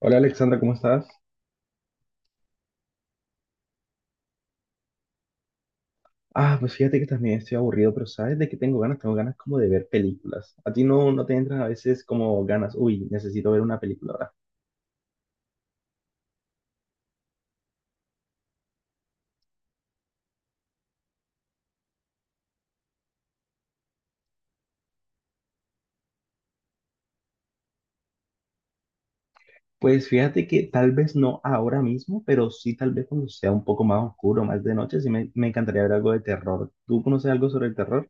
Hola Alexandra, ¿cómo estás? Ah, pues fíjate que también estoy aburrido, pero ¿sabes de qué tengo ganas? Tengo ganas como de ver películas. ¿A ti no, no te entran a veces como ganas? Uy, necesito ver una película ahora. Pues fíjate que tal vez no ahora mismo, pero sí tal vez cuando sea un poco más oscuro, más de noche, sí me encantaría ver algo de terror. ¿Tú conoces algo sobre el terror?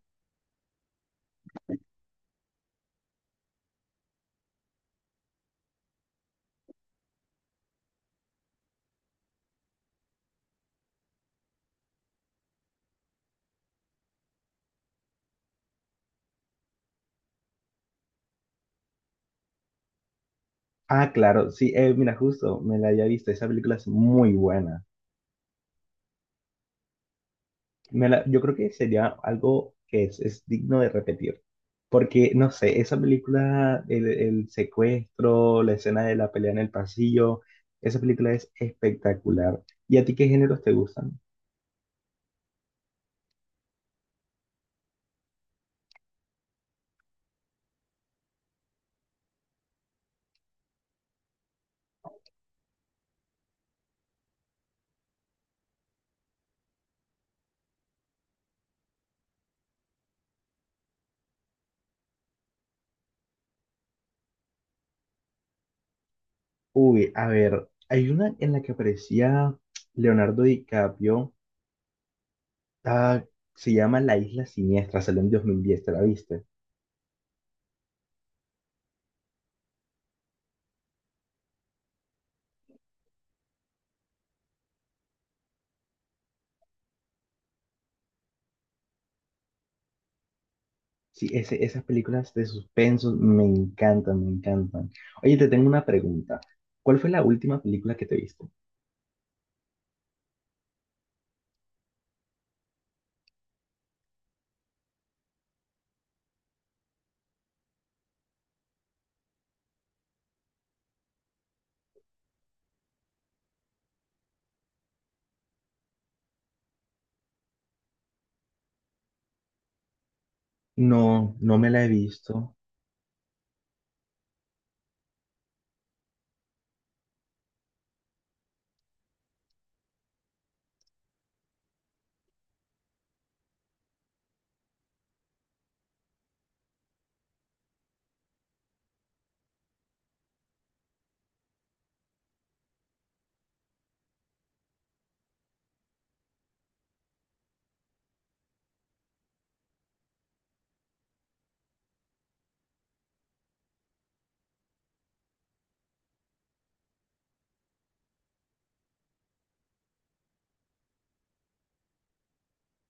Ah, claro, sí, mira, justo, me la había visto, esa película es muy buena. Yo creo que sería algo que es digno de repetir. Porque, no sé, esa película, el secuestro, la escena de la pelea en el pasillo, esa película es espectacular. ¿Y a ti qué géneros te gustan? Uy, a ver, hay una en la que aparecía Leonardo DiCaprio, ah, se llama La Isla Siniestra, salió en 2010, ¿te la viste? Sí, ese, esas películas de suspenso me encantan, me encantan. Oye, te tengo una pregunta. ¿Cuál fue la última película que te viste? No, no me la he visto.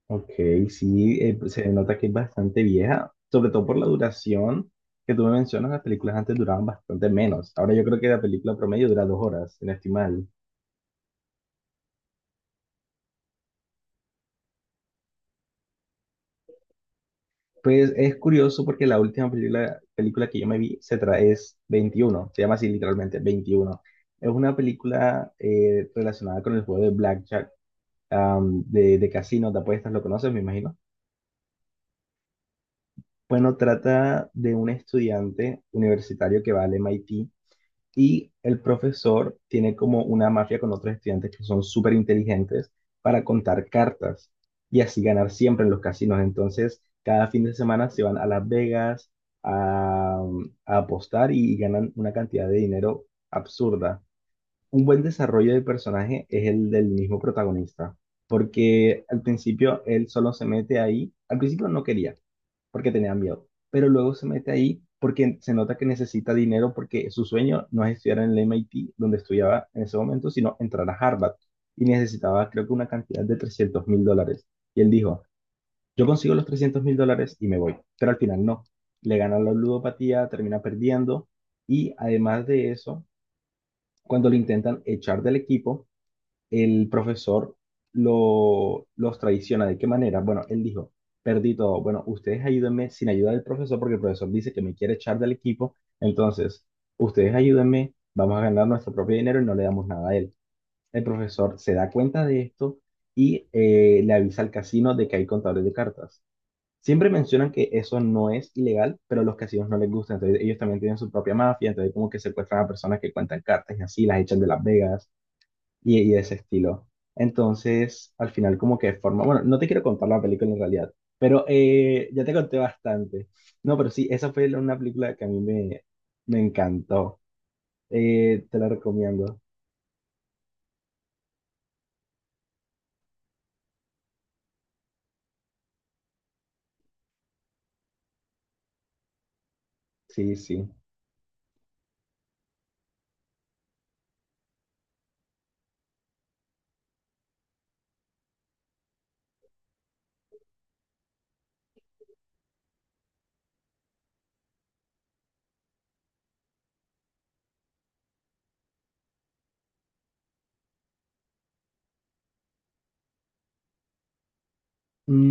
Ok, sí, pues, se nota que es bastante vieja, sobre todo por la duración que tú me mencionas, las películas antes duraban bastante menos. Ahora yo creo que la película promedio dura 2 horas, si no estoy mal. Pues es curioso porque la última película que yo me vi, se trae es 21, se llama así literalmente 21. Es una película relacionada con el juego de Blackjack, de casino, de apuestas, ¿lo conoces, me imagino? Bueno, trata de un estudiante universitario que va al MIT. Y el profesor tiene como una mafia con otros estudiantes que son súper inteligentes para contar cartas y así ganar siempre en los casinos. Entonces, cada fin de semana se van a Las Vegas a, a apostar y ganan una cantidad de dinero absurda. Un buen desarrollo de personaje es el del mismo protagonista, porque al principio él solo se mete ahí, al principio no quería, porque tenía miedo, pero luego se mete ahí porque se nota que necesita dinero porque su sueño no es estudiar en el MIT, donde estudiaba en ese momento, sino entrar a Harvard y necesitaba creo que una cantidad de $300.000. Y él dijo, yo consigo los $300.000 y me voy, pero al final no, le gana la ludopatía, termina perdiendo y además de eso, cuando lo intentan echar del equipo, el profesor los traiciona. ¿De qué manera? Bueno, él dijo, perdí todo. Bueno, ustedes ayúdenme sin ayuda del profesor porque el profesor dice que me quiere echar del equipo. Entonces, ustedes ayúdenme, vamos a ganar nuestro propio dinero y no le damos nada a él. El profesor se da cuenta de esto y le avisa al casino de que hay contadores de cartas. Siempre mencionan que eso no es ilegal, pero a los casinos no les gusta, entonces ellos también tienen su propia mafia, entonces como que secuestran a personas que cuentan cartas y así las echan de Las Vegas y de ese estilo. Entonces, al final como que forma, bueno, no te quiero contar la película en realidad, pero ya te conté bastante. No, pero sí, esa fue una película que a mí me encantó. Te la recomiendo. Sí, sí.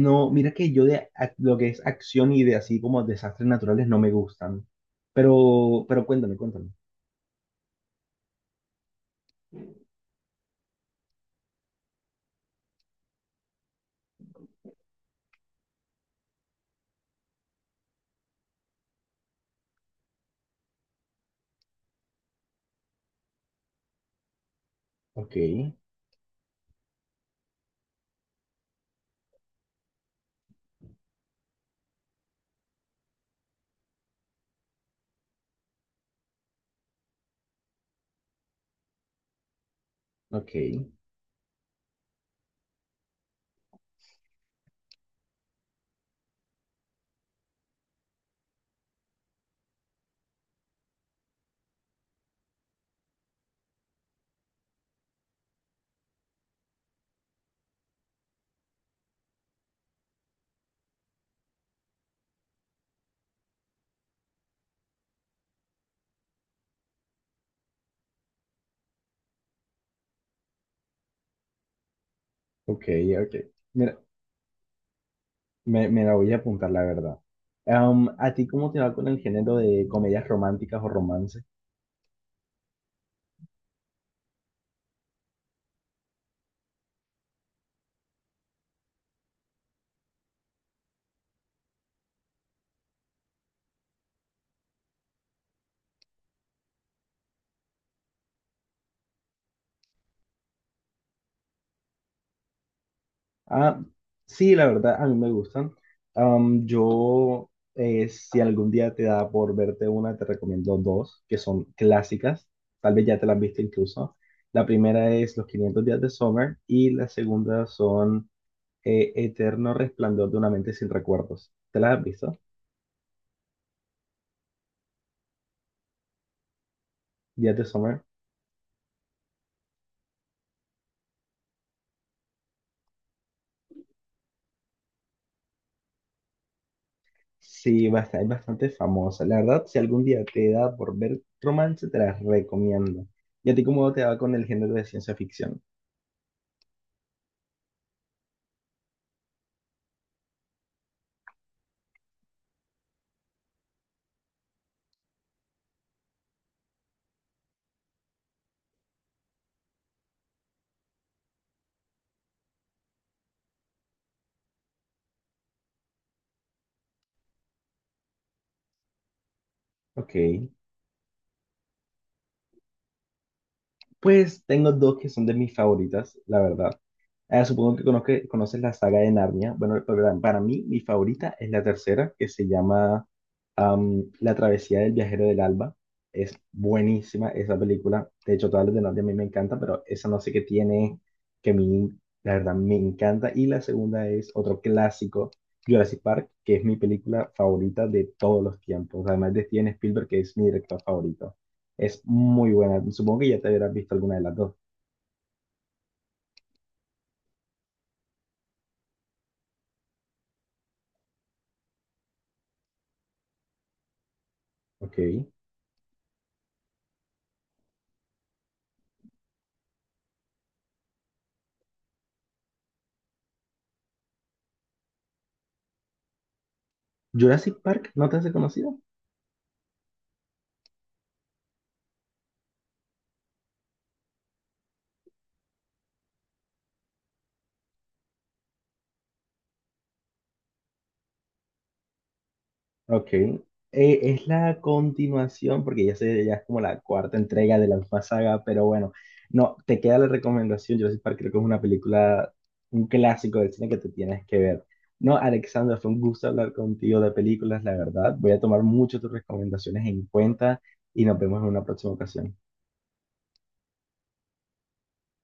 No, mira que yo lo que es acción y de así como desastres naturales no me gustan. Pero cuéntame, cuéntame. Ok, ok, ok, ok. Mira, me la voy a apuntar, la verdad. ¿A ti cómo te va con el género de comedias románticas o romance? Ah, sí, la verdad, a mí me gustan. Si algún día te da por verte una, te recomiendo dos, que son clásicas. Tal vez ya te las viste incluso. La primera es Los 500 días de Summer y la segunda son Eterno Resplandor de una mente sin recuerdos. ¿Te las has visto? Días de Summer. Sí, basta, es bastante famosa. La verdad, si algún día te da por ver romance, te la recomiendo. ¿Y a ti cómo te va con el género de ciencia ficción? Ok. Pues tengo dos que son de mis favoritas, la verdad. Supongo que conoces la saga de Narnia. Bueno, para mí, mi favorita es la tercera, que se llama La travesía del viajero del alba. Es buenísima esa película. De hecho, todas las de Narnia a mí me encantan, pero esa no sé qué tiene, que a mí, la verdad, me encanta. Y la segunda es otro clásico, Jurassic Park, que es mi película favorita de todos los tiempos. Además de Steven Spielberg, que es mi director favorito. Es muy buena. Supongo que ya te habrás visto alguna de las dos. Ok. Jurassic Park, ¿no te has conocido? Ok. Es la continuación, porque ya sé, ya es como la cuarta entrega de la misma saga, pero bueno, no, te queda la recomendación. Jurassic Park creo que es una película, un clásico del cine que te tienes que ver. No, Alexandra, fue un gusto hablar contigo de películas, la verdad. Voy a tomar mucho tus recomendaciones en cuenta y nos vemos en una próxima ocasión.